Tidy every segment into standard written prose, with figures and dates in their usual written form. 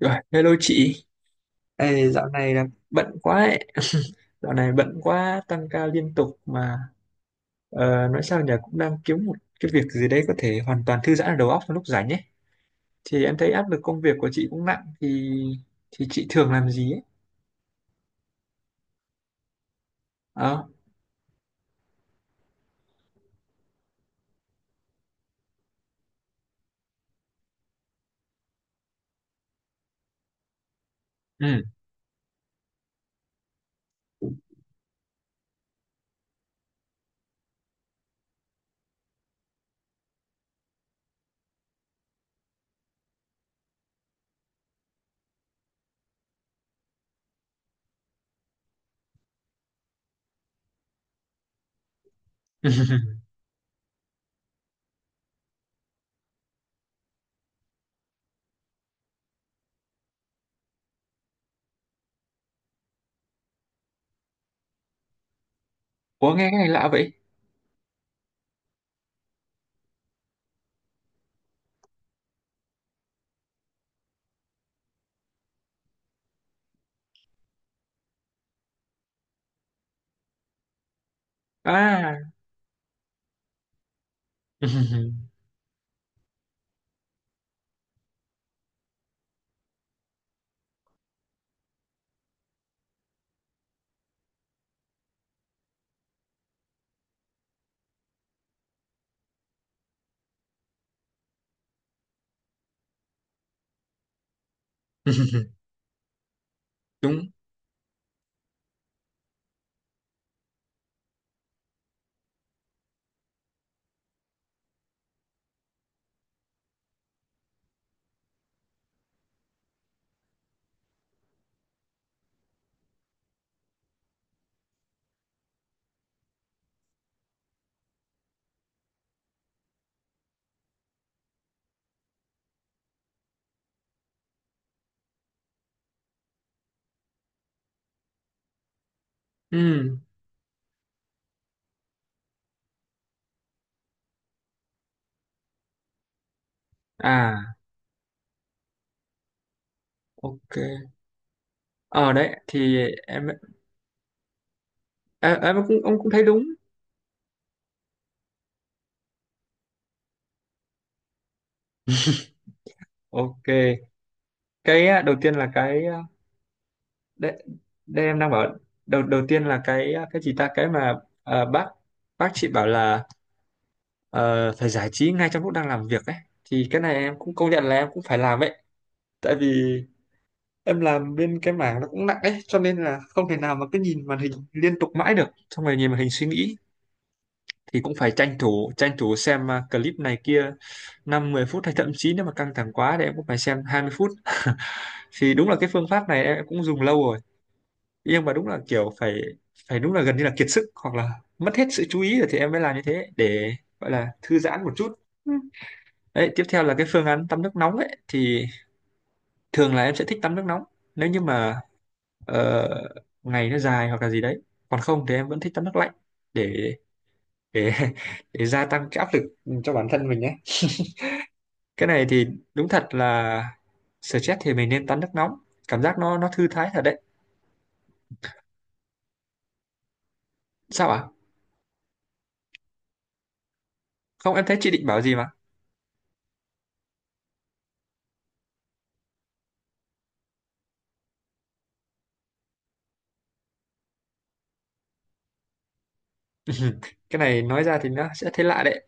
Rồi, hello chị. Ê, dạo này là bận quá ấy. Dạo này bận quá, tăng ca liên tục mà nói sao nhỉ, cũng đang kiếm một cái việc gì đấy có thể hoàn toàn thư giãn ở đầu óc vào lúc rảnh ấy. Thì em thấy áp lực công việc của chị cũng nặng thì chị thường làm gì ấy? Ờ. Ừ. Ủa nghe cái này lạ vậy? À. Đúng. Ừ. À, ok. Ờ đấy thì em cũng ông cũng thấy đúng. Ok. Cái à, đầu tiên là cái đây, đây em đang bảo đầu đầu tiên là cái gì ta, cái mà ờ, bác bác chị bảo là ờ, phải giải trí ngay trong lúc đang làm việc ấy, thì cái này em cũng công nhận là em cũng phải làm ấy. Tại vì em làm bên cái mảng nó cũng nặng ấy, cho nên là không thể nào mà cứ nhìn màn hình liên tục mãi được, xong rồi nhìn màn hình suy nghĩ thì cũng phải tranh thủ xem à, clip này kia 5 10 phút, hay thậm chí nếu mà căng thẳng quá thì em cũng phải xem 20 phút. Thì đúng là cái phương pháp này em cũng dùng lâu rồi, nhưng mà đúng là kiểu phải phải đúng là gần như là kiệt sức hoặc là mất hết sự chú ý rồi thì em mới làm như thế để gọi là thư giãn một chút. Ừ. Đấy tiếp theo là cái phương án tắm nước nóng ấy, thì thường là em sẽ thích tắm nước nóng nếu như mà ờ, ngày nó dài hoặc là gì đấy, còn không thì em vẫn thích tắm nước lạnh để để để gia tăng cái áp lực cho bản thân mình ấy. Cái này thì đúng thật là stress thì mình nên tắm nước nóng, cảm giác nó thư thái thật đấy. Sao ạ? Không, em thấy chị định bảo gì mà. Cái này nói ra thì nó sẽ thấy lạ đấy.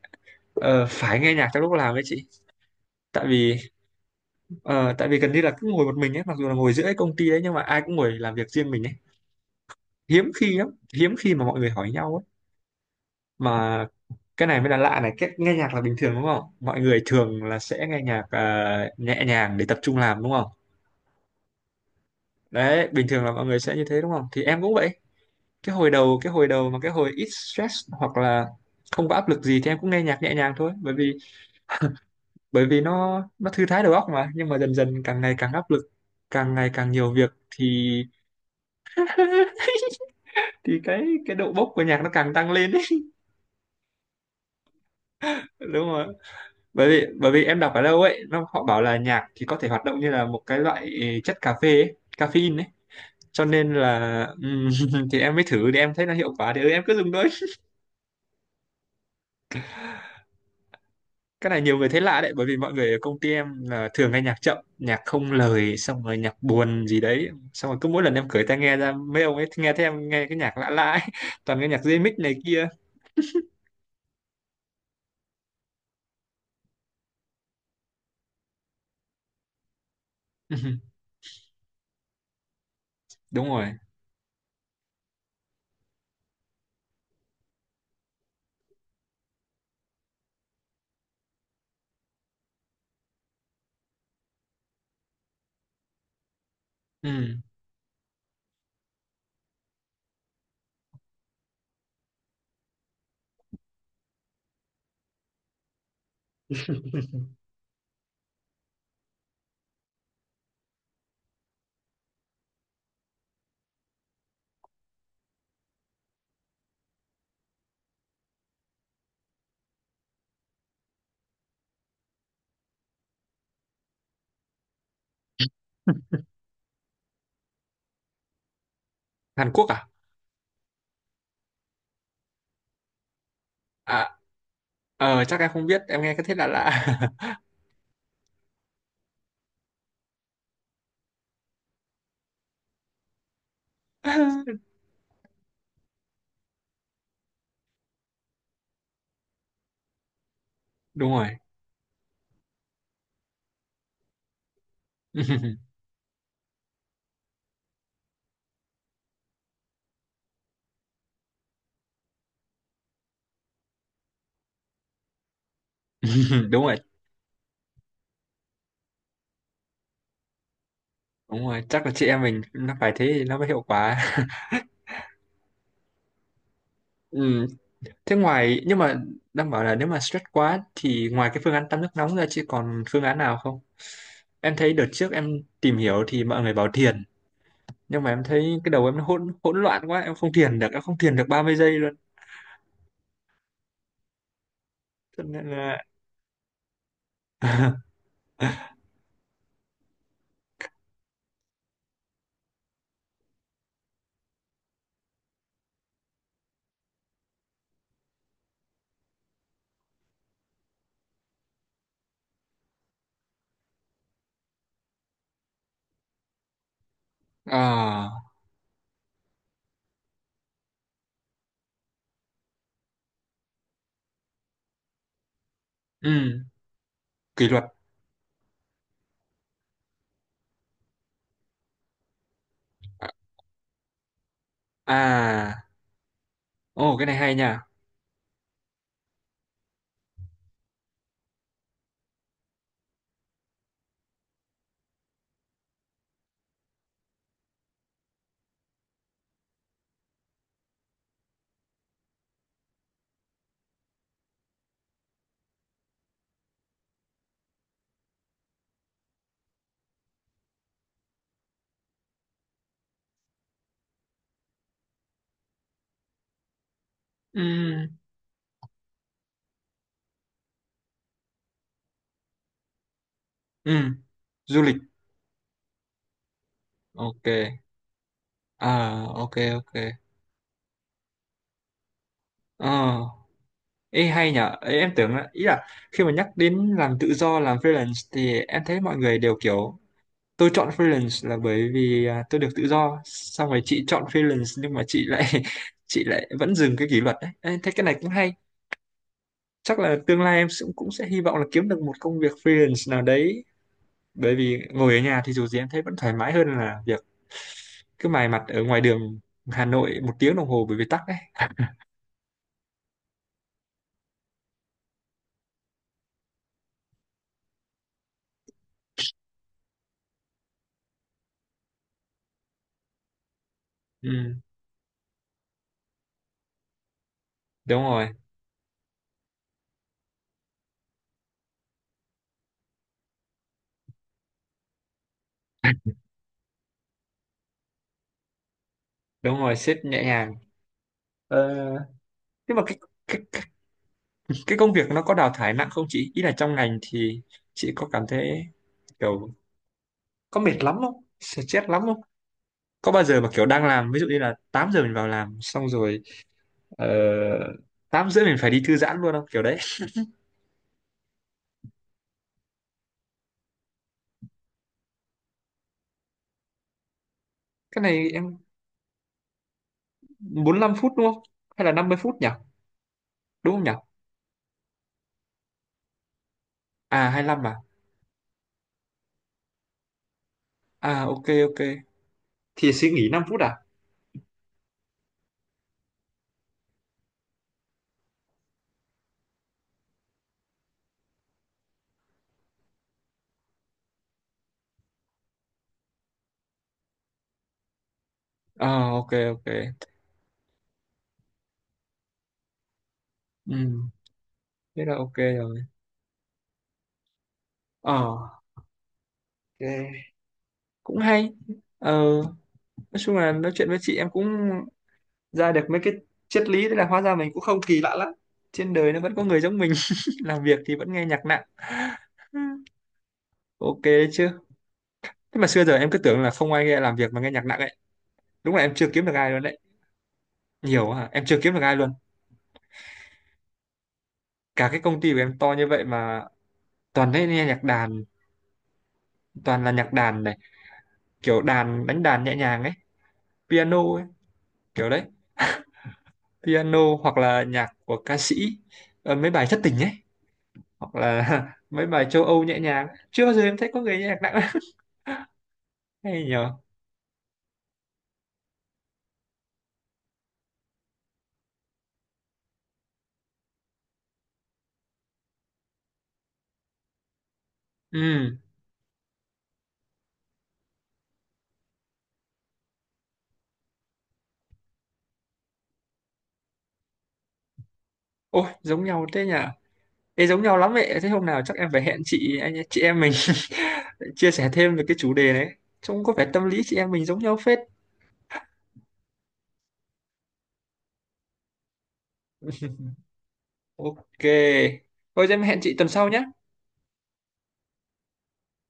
Ờ, phải nghe nhạc trong lúc làm đấy chị. Tại vì ờ, tại vì gần như là cứ ngồi một mình ấy, mặc dù là ngồi giữa cái công ty đấy nhưng mà ai cũng ngồi làm việc riêng mình ấy. Hiếm khi lắm, hiếm khi mà mọi người hỏi nhau ấy. Mà cái này mới là lạ này, cái nghe nhạc là bình thường đúng không, mọi người thường là sẽ nghe nhạc à, nhẹ nhàng để tập trung làm đúng không. Đấy bình thường là mọi người sẽ như thế đúng không, thì em cũng vậy. Cái hồi đầu mà cái hồi ít stress hoặc là không có áp lực gì thì em cũng nghe nhạc nhẹ nhàng thôi, bởi vì nó thư thái đầu óc mà. Nhưng mà dần dần càng ngày càng áp lực, càng ngày càng nhiều việc thì thì cái độ bốc của nhạc nó càng tăng lên ấy. Đúng rồi. Bởi vì em đọc ở đâu ấy, nó họ bảo là nhạc thì có thể hoạt động như là một cái loại chất cà phê ấy, caffeine ấy. Cho nên là thì em mới thử thì em thấy nó hiệu quả thì ừ, em cứ dùng thôi. Cái này nhiều người thấy lạ đấy, bởi vì mọi người ở công ty em là thường nghe nhạc chậm, nhạc không lời, xong rồi nhạc buồn gì đấy. Xong rồi cứ mỗi lần em cởi tai nghe ra, mấy ông ấy nghe thấy em nghe cái nhạc lạ lạ ấy. Toàn nghe nhạc remix này kia. Ừ, đúng rồi. Ừ. Hàn Quốc à? À, ờ chắc em không biết, em nghe cái thế lạ lạ. Đúng rồi. Đúng rồi, đúng rồi, chắc là chị em mình nó phải thế thì nó mới hiệu quả. Ừ. Thế ngoài, nhưng mà đang bảo là nếu mà stress quá thì ngoài cái phương án tắm nước nóng ra chứ còn phương án nào không? Em thấy đợt trước em tìm hiểu thì mọi người bảo thiền, nhưng mà em thấy cái đầu em nó hỗn hỗn loạn quá, em không thiền được, em không thiền được 30 giây luôn. Cho nên là à ừ, kỷ luật. À ồ cái này hay nha. Ừ, ừ, du lịch. Ok. À ok ok. Ờ. Ê hay nhở, ê, em tưởng là, ý là khi mà nhắc đến làm tự do, làm freelance thì em thấy mọi người đều kiểu tôi chọn freelance là bởi vì à, tôi được tự do. Xong rồi chị chọn freelance nhưng mà chị lại chị lại vẫn dừng cái kỷ luật đấy. Ê, thấy cái này cũng hay. Chắc là tương lai em cũng cũng sẽ hy vọng là kiếm được một công việc freelance nào đấy. Bởi vì ngồi ở nhà thì dù gì em thấy vẫn thoải mái hơn là việc cứ mài mặt ở ngoài đường Hà Nội 1 tiếng đồng hồ bởi vì tắc đấy. Ừ, đúng rồi. Đúng rồi, sếp nhẹ nhàng. Ờ, nhưng mà cái cái cái công việc nó có đào thải nặng không chị, ý là trong ngành thì chị có cảm thấy kiểu có mệt lắm không, stress lắm không, có bao giờ mà kiểu đang làm ví dụ như là 8 giờ mình vào làm xong rồi ờ, 8 rưỡi mình phải đi thư giãn luôn không, kiểu đấy. Cái này em 45 phút đúng không, hay là 50 phút nhỉ, đúng không nhỉ. À hai lăm à. À ok ok. Thì suy nghỉ 5 phút à. Ờ ok ok. Ừ thế là ok rồi. Ờ ok. Cũng hay. Ờ nói chung là nói chuyện với chị em cũng ra được mấy cái triết lý, thế là hóa ra mình cũng không kỳ lạ lắm, trên đời nó vẫn có người giống mình. Làm việc thì vẫn nghe nhạc nặng. Ok đấy chứ. Thế mà xưa giờ em cứ tưởng là không ai nghe làm việc mà nghe nhạc nặng ấy, đúng là em chưa kiếm được ai luôn đấy. Nhiều quá à, em chưa kiếm được ai luôn, cả cái công ty của em to như vậy mà toàn thấy nghe nhạc đàn, toàn là nhạc đàn này, kiểu đàn đánh đàn nhẹ nhàng ấy, piano ấy, kiểu đấy. Piano hoặc là nhạc của ca sĩ, ờ, mấy bài thất tình ấy, hoặc là mấy bài châu Âu nhẹ nhàng, chưa bao giờ em thấy có người nghe nhạc nặng. Hay nhờ. Ừ ôi giống nhau thế nhỉ. Ê, giống nhau lắm vậy, thế hôm nào chắc em phải hẹn chị, anh chị em mình chia sẻ thêm về cái chủ đề đấy, trông có vẻ tâm lý chị em mình giống nhau phết. Ok thôi em hẹn chị tuần sau nhé.